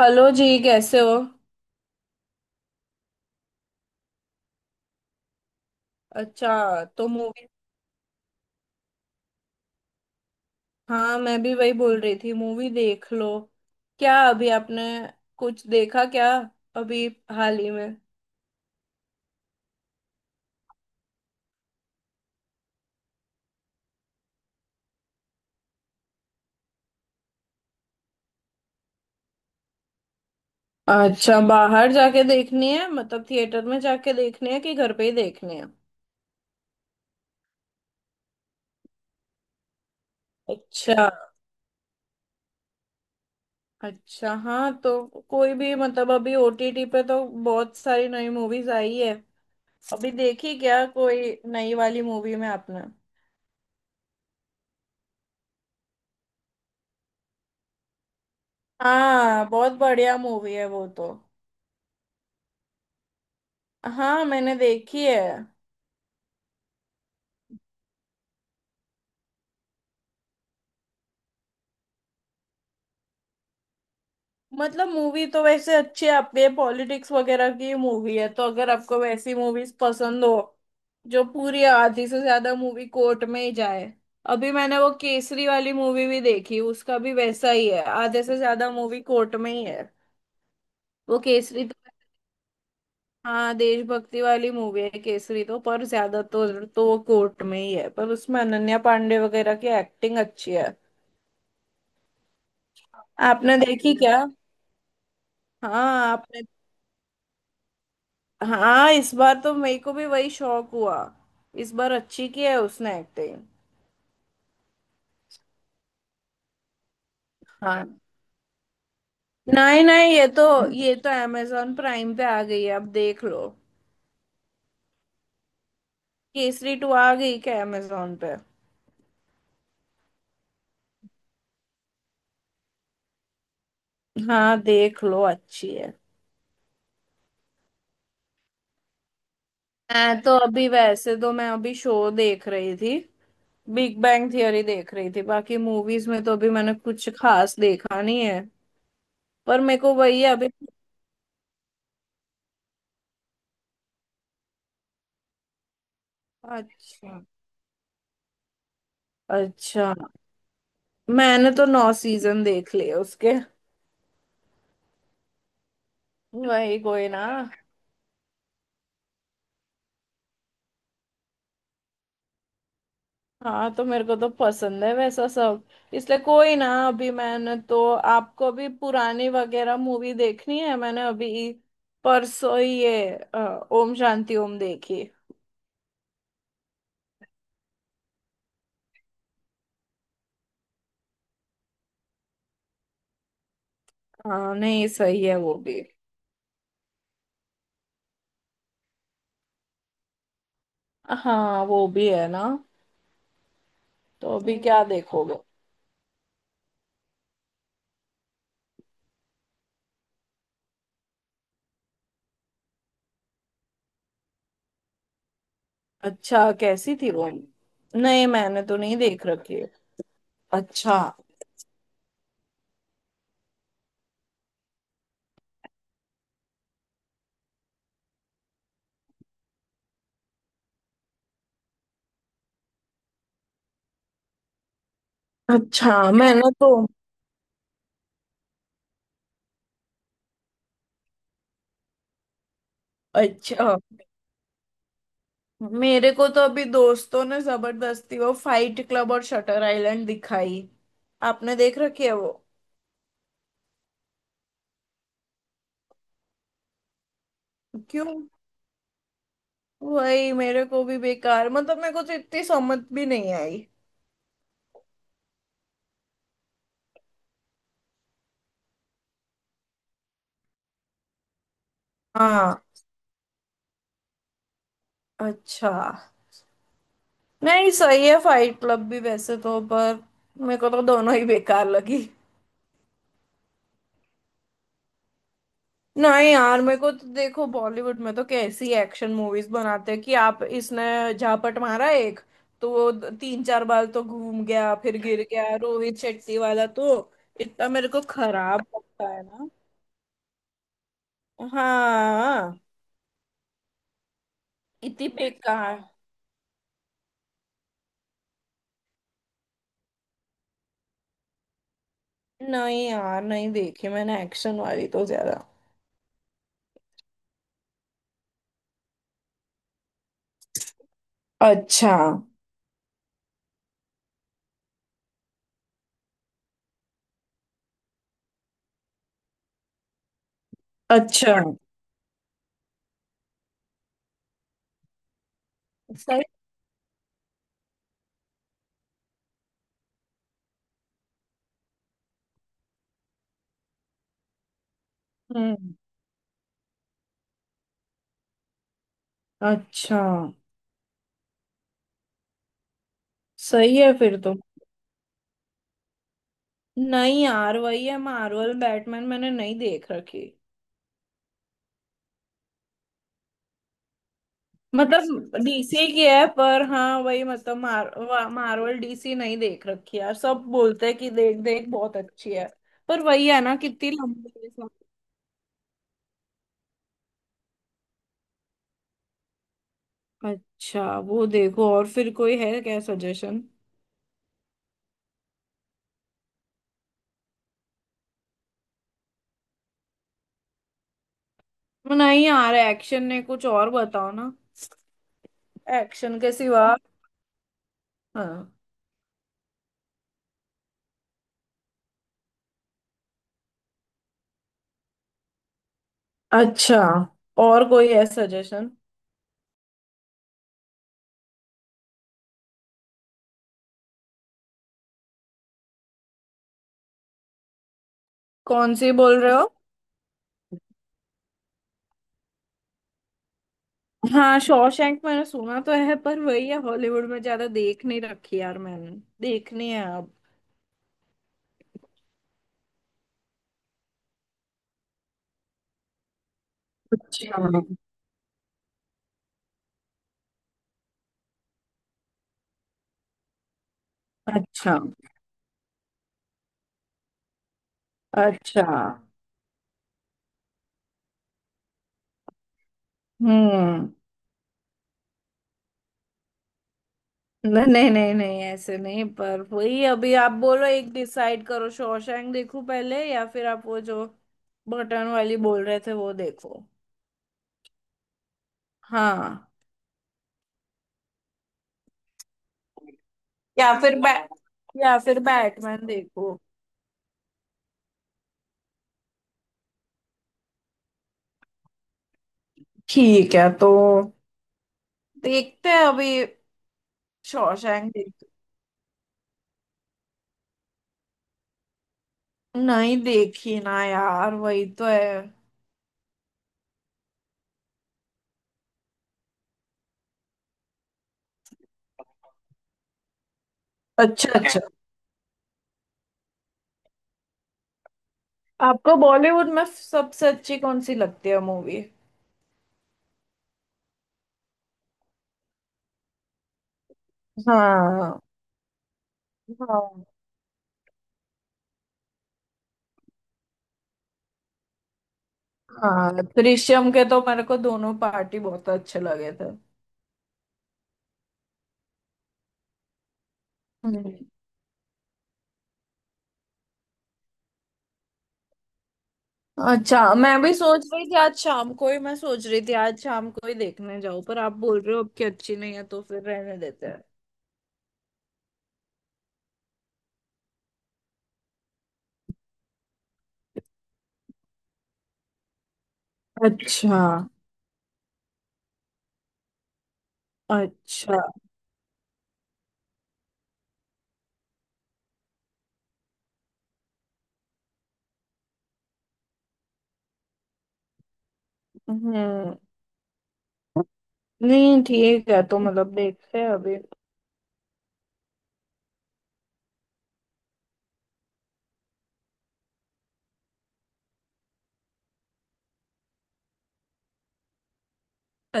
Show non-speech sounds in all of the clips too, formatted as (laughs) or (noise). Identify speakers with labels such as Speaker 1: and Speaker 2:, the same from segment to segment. Speaker 1: Hello जी, कैसे हो। अच्छा, तो मूवी। हाँ, मैं भी वही बोल रही थी, मूवी देख लो। क्या अभी आपने कुछ देखा क्या, अभी, हाल ही में? अच्छा, बाहर जाके देखनी है मतलब थिएटर में जाके देखनी है कि घर पे ही देखनी है? अच्छा। अच्छा, हाँ तो कोई भी मतलब अभी ओटीटी पे तो बहुत सारी नई मूवीज आई है। अभी देखी क्या कोई नई वाली मूवी में आपने? हाँ, बहुत बढ़िया मूवी है वो तो। हाँ, मैंने देखी है। मतलब मूवी तो वैसे अच्छी है, आपके पॉलिटिक्स वगैरह की मूवी है तो अगर आपको वैसी मूवीज पसंद हो। जो पूरी आधी से ज्यादा मूवी कोर्ट में ही जाए। अभी मैंने वो केसरी वाली मूवी भी देखी, उसका भी वैसा ही है, आधे से ज्यादा मूवी कोर्ट में ही है। वो केसरी तो हाँ, देशभक्ति वाली मूवी है केसरी तो, पर ज्यादा तो वो कोर्ट में ही है, पर उसमें अनन्या पांडे वगैरह की एक्टिंग अच्छी है। आपने देखी क्या? हाँ, आपने। हाँ, इस बार तो मेरे को भी वही शौक हुआ। इस बार अच्छी की है उसने एक्टिंग। हाँ, नहीं नहीं, ये तो। ये तो अमेजोन प्राइम पे आ गई है, अब देख लो। केसरी टू आ गई क्या अमेजोन पे? हाँ देख लो, अच्छी है। मैं तो अभी वैसे तो मैं अभी शो देख रही थी। बिग बैंग थियरी देख रही थी, बाकी मूवीज में तो अभी मैंने कुछ खास देखा नहीं है। पर मेरे को वही है अभी। अच्छा। अच्छा, मैंने तो नौ सीजन देख लिए उसके। वही, कोई ना। हाँ तो मेरे को तो पसंद है वैसा सब। इसलिए, कोई ना, अभी मैंने तो आपको भी पुरानी वगैरह मूवी देखनी है। मैंने अभी परसों ही ये ओम शांति ओम देखी। हाँ, नहीं सही है वो भी। हाँ वो भी है ना। तो अभी क्या देखोगे? अच्छा, कैसी थी वो? नहीं, मैंने तो नहीं देख रखी है। अच्छा। अच्छा। मैंने तो अच्छा मेरे को तो अभी दोस्तों ने जबरदस्ती वो फाइट क्लब और शटर आइलैंड दिखाई। आपने देख रखी है वो? क्यों? वही मेरे को भी बेकार, मतलब मेरे को तो इतनी समझ भी नहीं आई। हाँ। अच्छा। नहीं सही है फाइट क्लब भी वैसे तो, पर मेरे को तो दोनों ही बेकार लगी। नहीं यार, मेरे को तो देखो बॉलीवुड में तो कैसी एक्शन मूवीज बनाते हैं कि आप, इसने झापट मारा एक, तो वो तीन चार बार तो घूम गया फिर गिर गया, रोहित शेट्टी वाला तो। इतना मेरे को खराब लगता है ना। हाँ। इतनी बेकार। नहीं यार, नहीं देखी मैंने एक्शन वाली तो ज्यादा। अच्छा। अच्छा। सही। हम्म। अच्छा। सही है फिर तो। नहीं यार, वही है, मार्वल बैटमैन मैंने नहीं देख रखी। मतलब डीसी की है, पर हाँ वही मतलब मार्वल डीसी नहीं देख रखी है यार, सब बोलते हैं कि देख देख बहुत अच्छी है। पर वही है ना, कितनी लंबी है सब। अच्छा, वो देखो। और फिर कोई है क्या सजेशन? नहीं यार, एक्शन ने कुछ और बताओ ना, एक्शन के सिवा। हाँ। अच्छा, और कोई है सजेशन? कौन सी बोल रहे हो? हाँ, शॉशैंक मैंने सुना तो है, पर वही है, हॉलीवुड में ज्यादा देख नहीं रखी यार मैंने। देखनी है अब। अच्छा। अच्छा। अच्छा। हम्म। नहीं नहीं नहीं नहीं, ऐसे नहीं, पर वही अभी आप बोलो, एक डिसाइड करो, शॉशैंक देखूं पहले या फिर आप वो जो बटन वाली बोल रहे थे वो देखो? हाँ। या फिर बैट या फिर बैटमैन देखो। ठीक है तो, देखते हैं अभी। शॉशैंक देखते। नहीं देखी ना यार, वही तो है। अच्छा अच्छा। आपको बॉलीवुड में सबसे अच्छी कौन सी लगती है मूवी? हाँ। हाँ। हाँ, दृश्यम के तो मेरे को दोनों पार्टी बहुत अच्छे लगे थे। हम्म। अच्छा, मैं भी सोच रही थी आज शाम को ही, मैं सोच रही थी आज शाम को ही देखने जाऊं, पर आप बोल रहे हो अब की अच्छी नहीं है तो फिर रहने देते हैं। अच्छा। अच्छा। हम्म। नहीं ठीक है, तो मतलब देखते हैं अभी।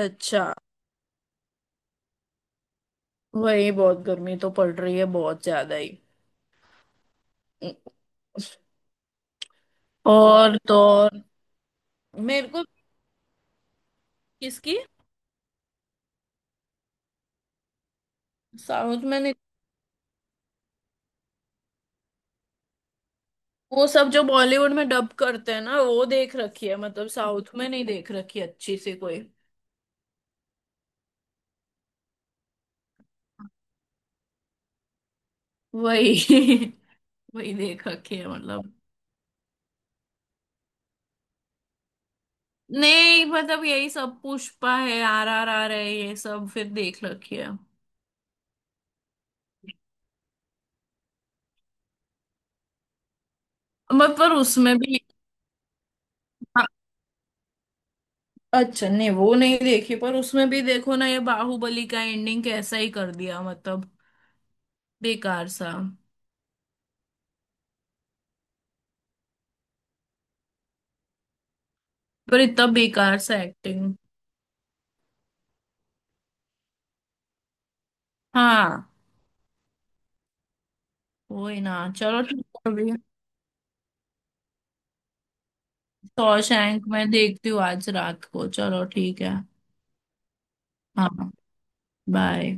Speaker 1: अच्छा। वही बहुत गर्मी तो पड़ रही है, बहुत ज्यादा ही। और तो और। मेरे को। किसकी? साउथ में नहीं। वो सब जो बॉलीवुड में डब करते हैं ना वो देख रखी है, मतलब साउथ में नहीं देख रखी अच्छी से कोई। वही (laughs) वही देख रखी है मतलब। नहीं मतलब, यही सब पुष्पा है, आर आर आर है, ये सब फिर देख रखी है। मत पर उसमें भी। हाँ। अच्छा नहीं, वो नहीं देखी, पर उसमें भी देखो ना ये बाहुबली का एंडिंग कैसा ही कर दिया मतलब, बेकार सा। पर इतना बेकार सा एक्टिंग। हाँ। वही ना। चलो ठीक है अभी। शॉशैंक मैं देखती हूँ आज रात को, चलो ठीक है। हाँ। बाय।